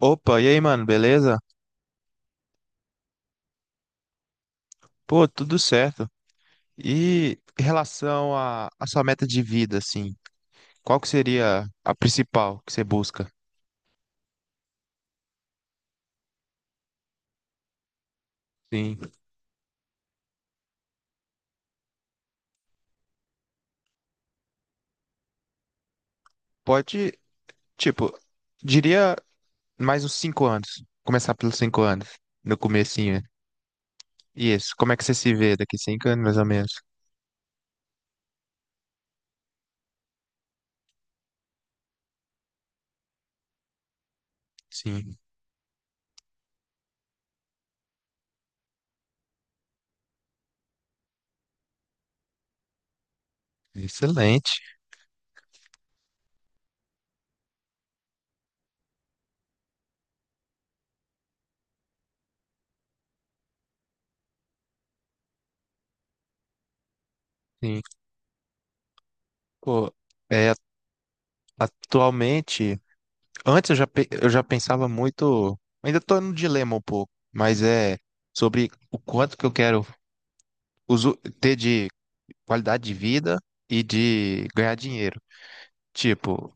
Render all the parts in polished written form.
Opa, e aí, mano, beleza? Pô, tudo certo. E em relação à sua meta de vida, assim, qual que seria a principal que você busca? Sim. Pode, tipo, diria mais uns cinco anos. Começar pelos cinco anos, no comecinho. Isso, como é que você se vê daqui cinco anos, mais ou menos? Sim, excelente. Sim. Pô, é, atualmente. Antes eu já pensava muito, ainda tô no dilema um pouco, mas é sobre o quanto que eu quero ter de qualidade de vida e de ganhar dinheiro. Tipo,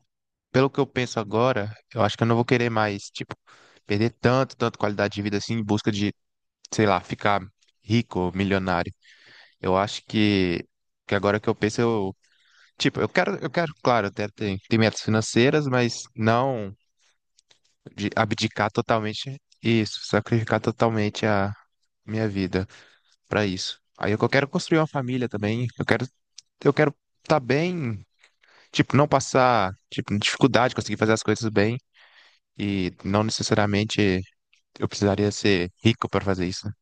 pelo que eu penso agora, eu acho que eu não vou querer mais, tipo, perder tanto, tanto qualidade de vida assim em busca de, sei lá, ficar rico, milionário. Eu acho que agora que eu penso, eu, tipo, eu quero, claro, eu quero ter metas financeiras, mas não. De abdicar totalmente isso, sacrificar totalmente a minha vida pra isso. Aí eu quero construir uma família também, eu quero tá bem, tipo, não passar tipo dificuldade, conseguir fazer as coisas bem e não necessariamente eu precisaria ser rico pra fazer isso, né?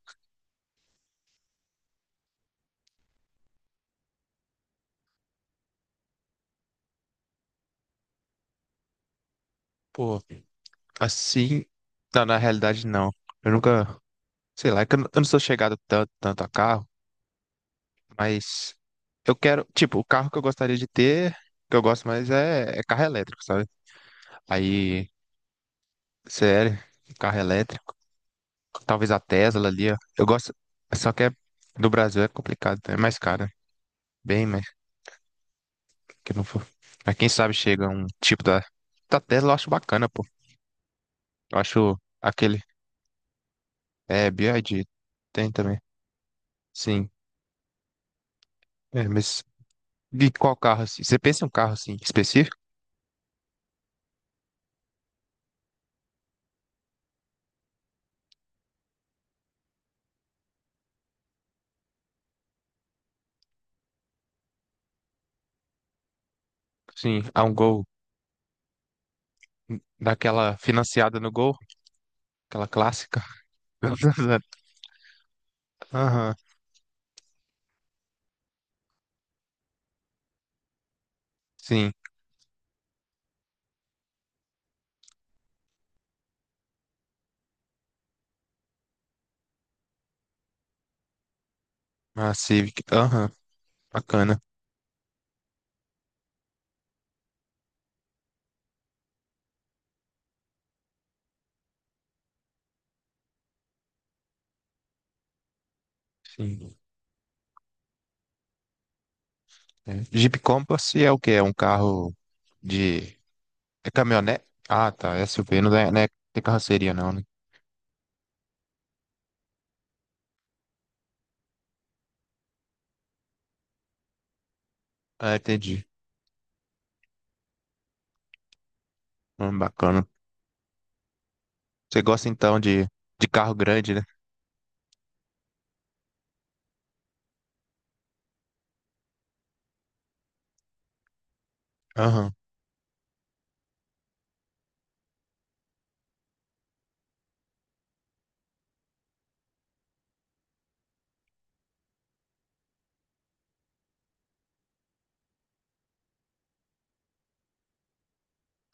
Pô, assim, não, na realidade não. Eu nunca, sei lá, é que eu não sou chegado tanto, tanto a carro, mas eu quero, tipo, o carro que eu gostaria de ter, que eu gosto mais é carro elétrico, sabe? Aí CL, carro elétrico, talvez a Tesla ali, ó. Eu gosto, só que é, do Brasil é complicado, né? É mais caro, bem, mas que não for. Mas quem sabe chega um tipo da, da Tesla, eu acho bacana, pô. Eu acho aquele, é, BYD, tem também, sim. É, mas de qual carro, assim? Você pensa em um carro, assim, específico? Sim, há um Gol, daquela financiada no Gol, aquela clássica. Aham, sim, a Civic, aham, bacana, sim. É. Jeep Compass é o que É um carro de. É caminhonete? Ah, tá. SUV não é, tem carroceria, não, né? Ah, entendi. Bacana. Você gosta então de carro grande, né? Aham.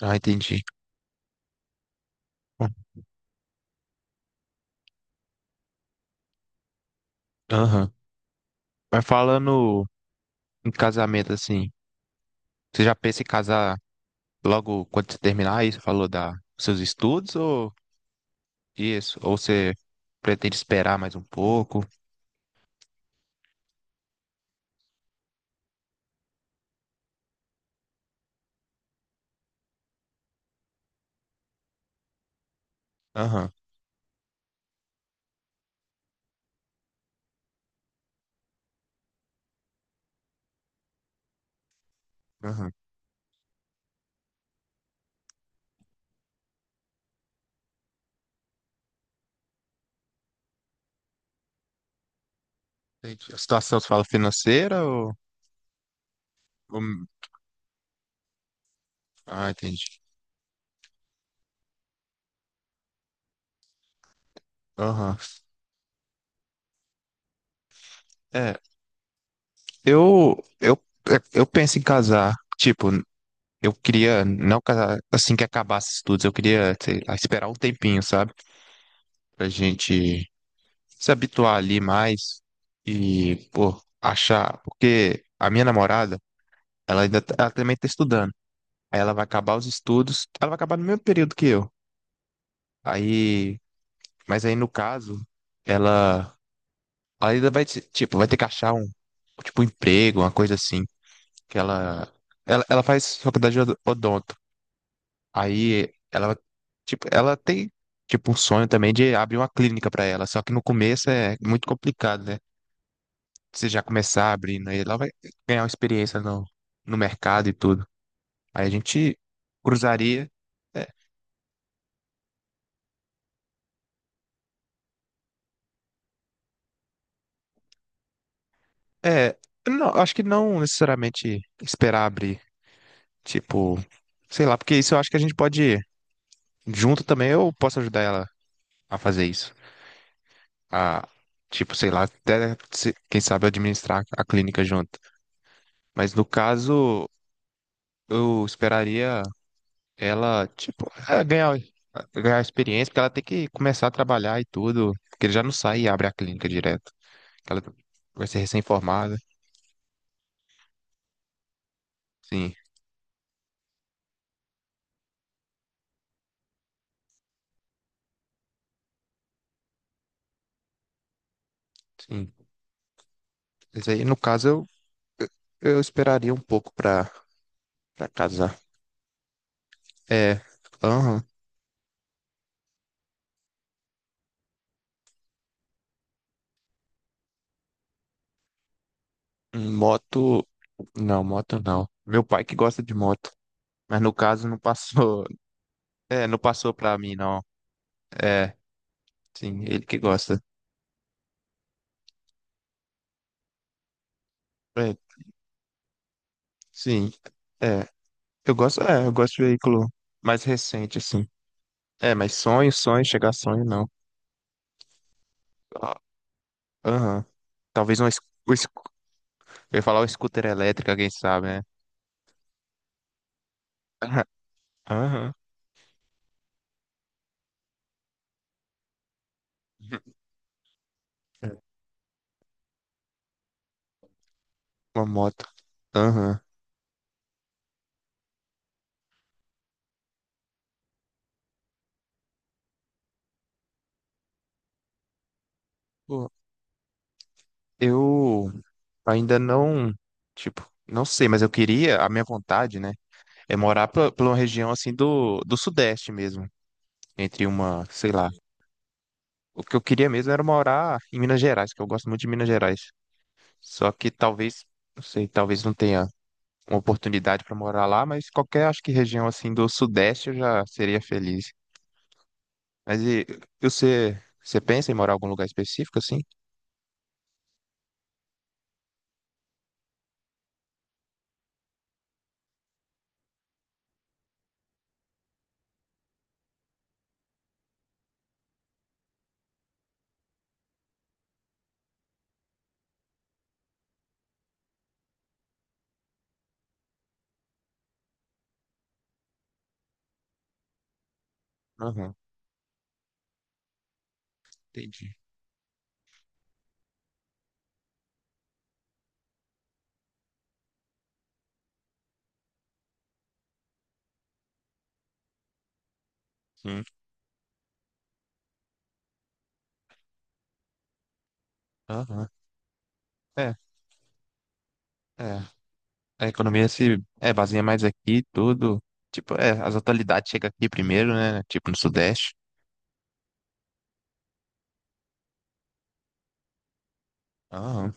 Ah, entendi. Hum, Aham. Mas falando em casamento, assim, você já pensa em casar logo quando você terminar isso? Falou da dos seus estudos ou isso? Ou você pretende esperar mais um pouco? Aham. Aham. Entendi. A situação, você fala financeira ou. Ou- ah, entendi. Aham. É, eu, é, eu penso em casar. Tipo, eu queria não casar assim que acabasse os estudos. Eu queria, sei lá, esperar um tempinho, sabe? Pra gente se habituar ali mais e, pô, achar. Porque a minha namorada, ela também tá estudando. Aí ela vai acabar os estudos. Ela vai acabar no mesmo período que eu. Aí, mas aí no caso, ela, ela ainda vai, tipo, vai ter que achar um, tipo, um emprego, uma coisa assim. que ela, ela faz faculdade de odonto. Aí ela, tipo, ela tem, tipo, o sonho também de abrir uma clínica para ela, só que no começo é muito complicado, né? Você já começar abrindo, aí ela vai ganhar uma experiência no, no mercado e tudo. Aí a gente cruzaria. É, é, não, acho que não necessariamente esperar abrir, tipo, sei lá, porque isso eu acho que a gente pode, junto também, eu posso ajudar ela a fazer isso. A, tipo, sei lá, até se- quem sabe administrar a clínica junto. Mas no caso, eu esperaria ela, tipo, é, ganhar experiência, porque ela tem que começar a trabalhar e tudo, porque ele já não sai e abre a clínica direto. Ela vai ser recém-formada. Sim, sim. Mas aí, no caso, eu esperaria um pouco pra, pra casar. É, aham. Moto, não, moto não. Meu pai que gosta de moto. Mas no caso não passou, é, não passou pra mim, não. É, sim, ele que gosta. É, sim, é. Eu gosto, é, eu gosto de veículo mais recente, assim. É, mas sonho, sonho, chegar a sonho, não. Ah, aham. Talvez um es- Eu ia falar um scooter elétrico, quem sabe, né? Aham. É, uma moto. Aham. Pô, eu ainda não, tipo, não sei, mas eu queria, a minha vontade, né, é morar pra, pra uma região assim do, do Sudeste mesmo, entre uma, sei lá, o que eu queria mesmo era morar em Minas Gerais, que eu gosto muito de Minas Gerais. Só que talvez, não sei, talvez não tenha uma oportunidade para morar lá, mas qualquer, acho que região assim do Sudeste eu já seria feliz. Mas e você, você pensa em morar em algum lugar específico assim? Aham, entendi. Sim. Aham. É, é. A economia se é, baseia mais aqui, tudo. Tipo, é, as atualidades chegam aqui primeiro, né? Tipo, no Sudeste. Aham,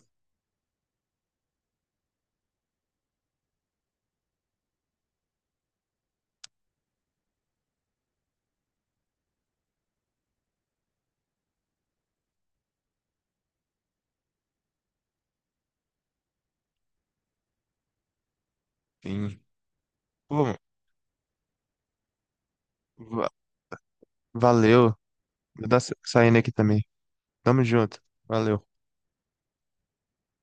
sim. Pô, Va- valeu. Saindo aqui também. Tamo junto. Valeu.